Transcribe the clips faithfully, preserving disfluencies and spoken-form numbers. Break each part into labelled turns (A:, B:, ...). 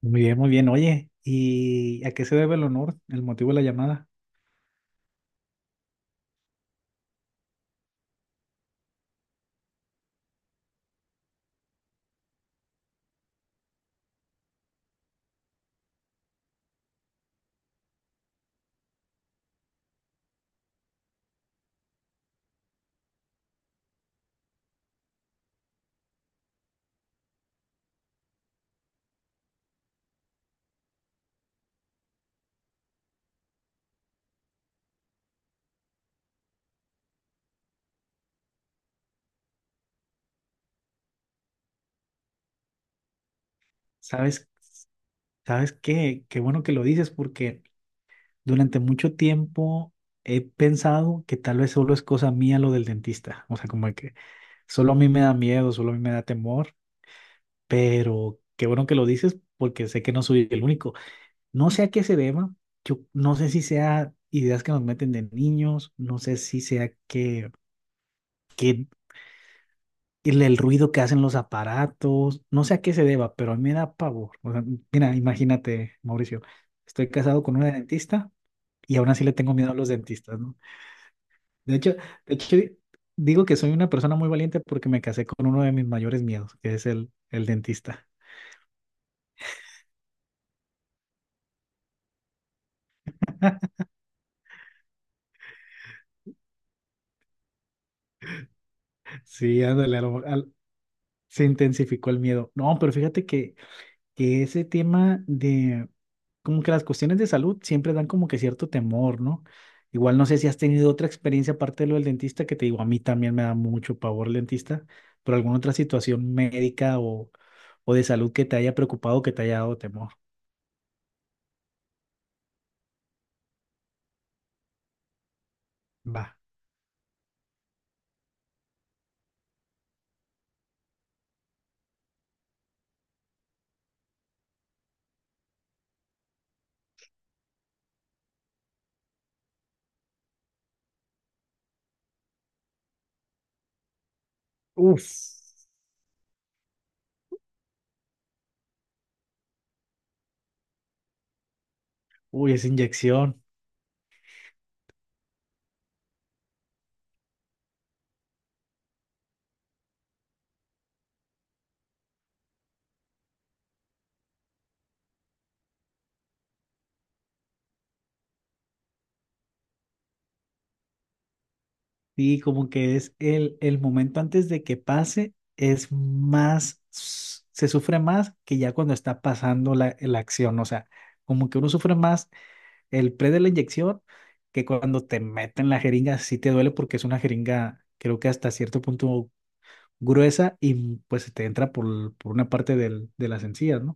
A: Muy bien, muy bien. Oye, ¿y a qué se debe el honor, el motivo de la llamada? ¿Sabes, sabes qué? Qué bueno que lo dices porque durante mucho tiempo he pensado que tal vez solo es cosa mía lo del dentista. O sea, como que solo a mí me da miedo, solo a mí me da temor, pero qué bueno que lo dices porque sé que no soy el único. No sé a qué se deba. Yo no sé si sea ideas que nos meten de niños, no sé si sea que... que el, el ruido que hacen los aparatos, no sé a qué se deba, pero a mí me da pavor. O sea, mira, imagínate, Mauricio, estoy casado con una dentista y aún así le tengo miedo a los dentistas, ¿no? De hecho, de hecho, di- digo que soy una persona muy valiente porque me casé con uno de mis mayores miedos, que es el, el dentista. Sí, ándale, a lo- al- se intensificó el miedo. No, pero fíjate que, que ese tema de como que las cuestiones de salud siempre dan como que cierto temor, ¿no? Igual no sé si has tenido otra experiencia aparte de lo del dentista, que te digo, a mí también me da mucho pavor el dentista, pero alguna otra situación médica o, o de salud que te haya preocupado, que te haya dado temor. Va. Uf, uy, esa inyección. Sí, como que es el, el momento antes de que pase, es más, se sufre más que ya cuando está pasando la, la acción. O sea, como que uno sufre más. El pre de la inyección, que cuando te meten la jeringa sí te duele porque es una jeringa, creo que hasta cierto punto gruesa y mm, pues se te entra por, l- por una parte del, de las encías, ¿no?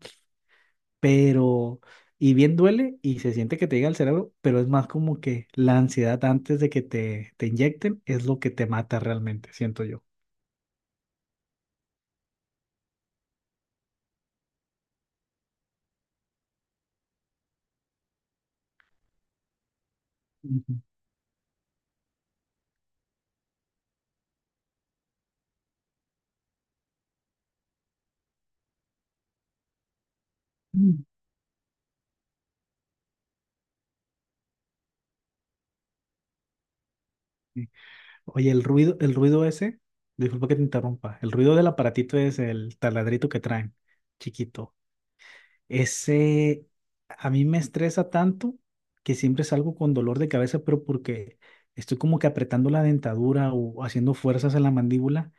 A: Pero, y bien duele y se siente que te llega al cerebro, pero es más como que la ansiedad antes de que te, te inyecten es lo que te mata realmente, siento yo. Ujú. Mm. Sí. Oye, el ruido, el ruido ese, disculpa que te interrumpa, el ruido del aparatito es el taladrito que traen, chiquito. Ese a mí me estresa tanto que siempre salgo con dolor de cabeza, pero porque estoy como que apretando la dentadura o haciendo fuerzas en la mandíbula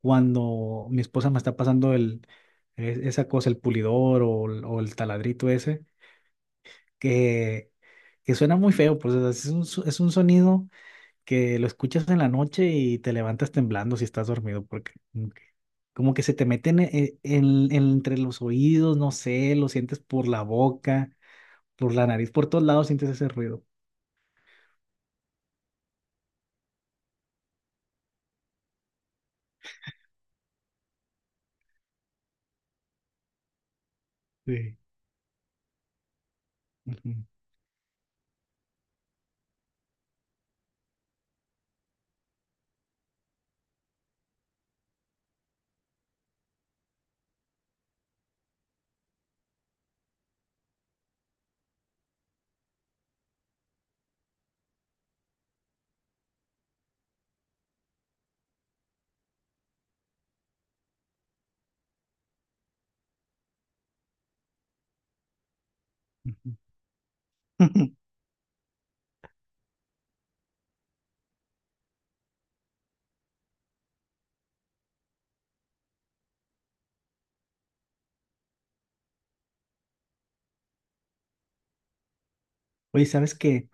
A: cuando mi esposa me está pasando el, e- esa cosa, el pulidor o, el o el taladrito ese, que, que suena muy feo, pues o sea, es un, so- es un sonido que lo escuchas en la noche y te levantas temblando si estás dormido, porque como que como que se te meten en, en- en- entre los oídos, no sé, lo sientes por la boca, por la nariz, por todos lados sientes ese ruido. Sí. Ujú, ujú. Oye, ¿sabes qué?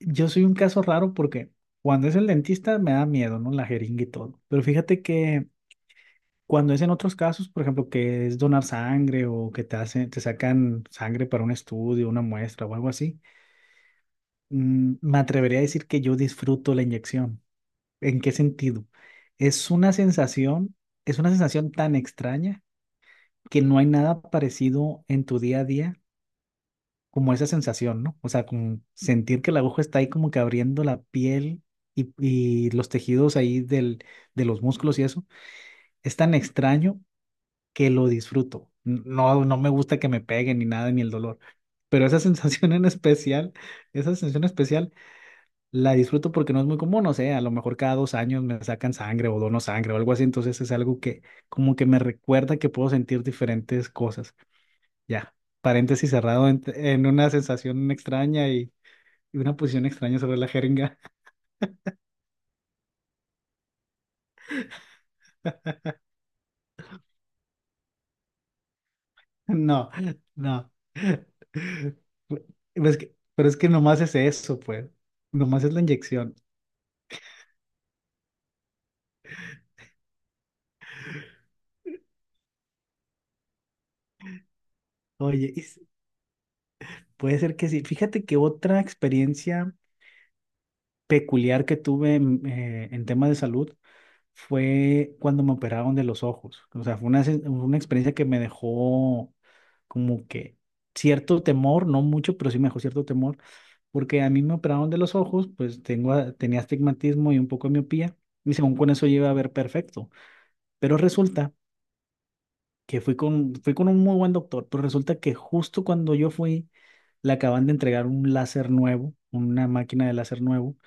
A: Yo soy un caso raro porque cuando es el dentista me da miedo, ¿no? La jeringa y todo. Pero fíjate que cuando es en otros casos, por ejemplo, que es donar sangre o que te hacen, te sacan sangre para un estudio, una muestra o algo así, mm, me atrevería a decir que yo disfruto la inyección. ¿En qué sentido? Es una sensación, es una sensación tan extraña que no hay nada parecido en tu día a día como esa sensación, ¿no? O sea, como sentir que la aguja está ahí como que abriendo la piel y, y los tejidos ahí del, de los músculos y eso, es tan extraño que lo disfruto. No, no me gusta que me peguen ni nada, ni el dolor, pero esa sensación en especial, esa sensación especial la disfruto porque no es muy común, no sé, a lo mejor cada dos años me sacan sangre o dono sangre o algo así, entonces es algo que como que me recuerda que puedo sentir diferentes cosas. Ya, paréntesis cerrado en en una sensación extraña y y una posición extraña sobre la jeringa. No, no. Pero es que, pero es que nomás es eso, pues. Nomás es la inyección. Oye, y s- puede ser que sí. Fíjate que otra experiencia peculiar que tuve en, eh, en temas de salud fue cuando me operaron de los ojos. O sea, fue una, sen- una experiencia que me dejó como que cierto temor, no mucho, pero sí me dejó cierto temor, porque a mí me operaron de los ojos, pues tengo, a- tenía astigmatismo y un poco de miopía, y según con eso yo iba a ver perfecto. Pero resulta que fui con, fui con un muy buen doctor, pero resulta que justo cuando yo fui, le acaban de entregar un láser nuevo, una máquina de láser nuevo,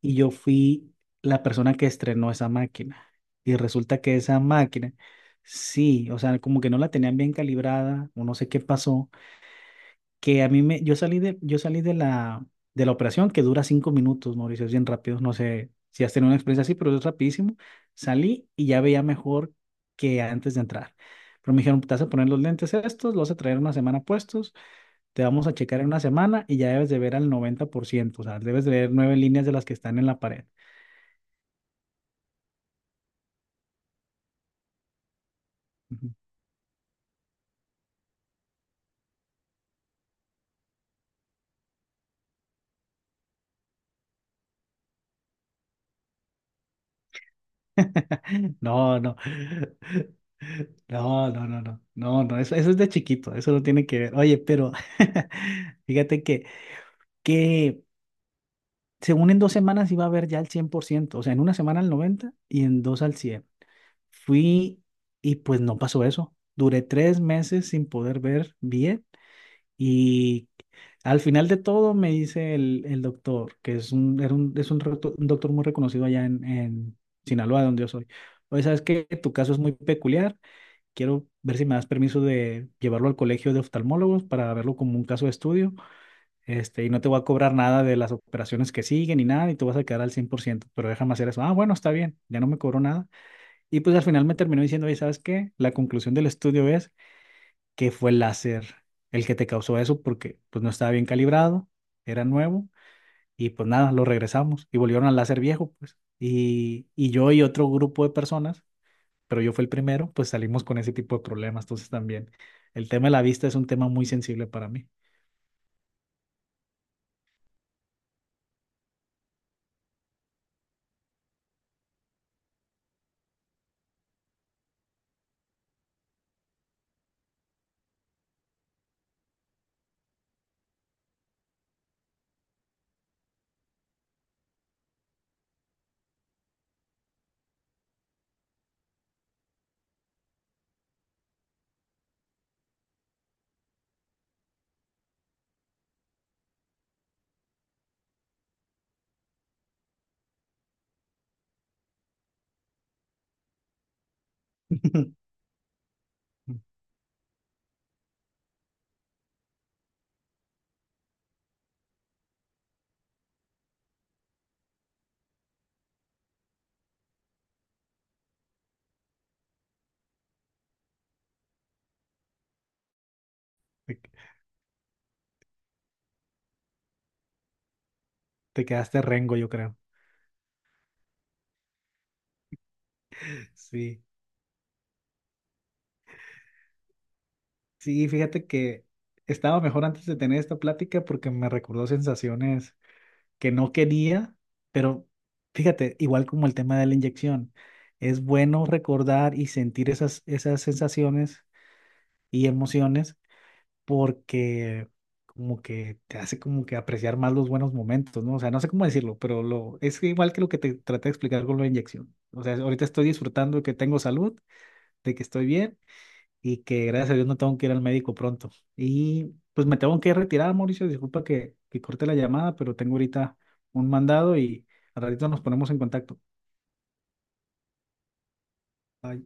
A: y yo fui la persona que estrenó esa máquina. Y resulta que esa máquina, sí, o sea, como que no la tenían bien calibrada, o no sé qué pasó que a mí me, yo salí de, yo salí de la, de la operación que dura cinco minutos, Mauricio, es bien rápido, no sé si has tenido una experiencia así, pero es rapidísimo. Salí y ya veía mejor que antes de entrar. Pero me dijeron, te vas a poner los lentes estos, los vas a traer una semana puestos, te vamos a checar en una semana y ya debes de ver al noventa por ciento. O sea, debes de ver nueve líneas de las que están en la pared. Ujú. No, no. No, no, no, no, no, no, eso, eso es de chiquito, eso no tiene que ver. Oye, pero fíjate que según en dos semanas iba a ver ya el ciento. O sea, en una semana al noventa y en dos al cien. Fui y pues no pasó eso. Duré tres meses sin poder ver bien y al final de todo me dice el, el doctor, que es un, era un, es un, recto- un doctor muy reconocido allá en, en Sinaloa, donde yo soy. Oye, sabes que tu caso es muy peculiar. Quiero ver si me das permiso de llevarlo al colegio de oftalmólogos para verlo como un caso de estudio. Este, y no te voy a cobrar nada de las operaciones que siguen ni nada, y tú vas a quedar al cien por ciento, pero déjame hacer eso. Ah, bueno, está bien, ya no me cobró nada. Y pues al final me terminó diciendo, oye, ¿sabes qué? La conclusión del estudio es que fue el láser el que te causó eso porque pues no estaba bien calibrado, era nuevo, y pues nada, lo regresamos y volvieron al láser viejo, pues. Y, y yo y otro grupo de personas, pero yo fui el primero, pues salimos con ese tipo de problemas. Entonces también el tema de la vista es un tema muy sensible para mí. Te te quedaste rengo, yo creo. Sí, sí, fíjate que estaba mejor antes de tener esta plática porque me recordó sensaciones que no quería, pero fíjate, igual como el tema de la inyección, es bueno recordar y sentir esas, esas sensaciones y emociones porque como que te hace como que apreciar más los buenos momentos, ¿no? O sea, no sé cómo decirlo, pero lo, es igual que lo que te traté de explicar con la inyección. O sea, ahorita estoy disfrutando de que tengo salud, de que estoy bien y que gracias a Dios no tengo que ir al médico pronto. Y pues me tengo que retirar, Mauricio, disculpa que, que corte la llamada, pero tengo ahorita un mandado y al ratito nos ponemos en contacto. Bye.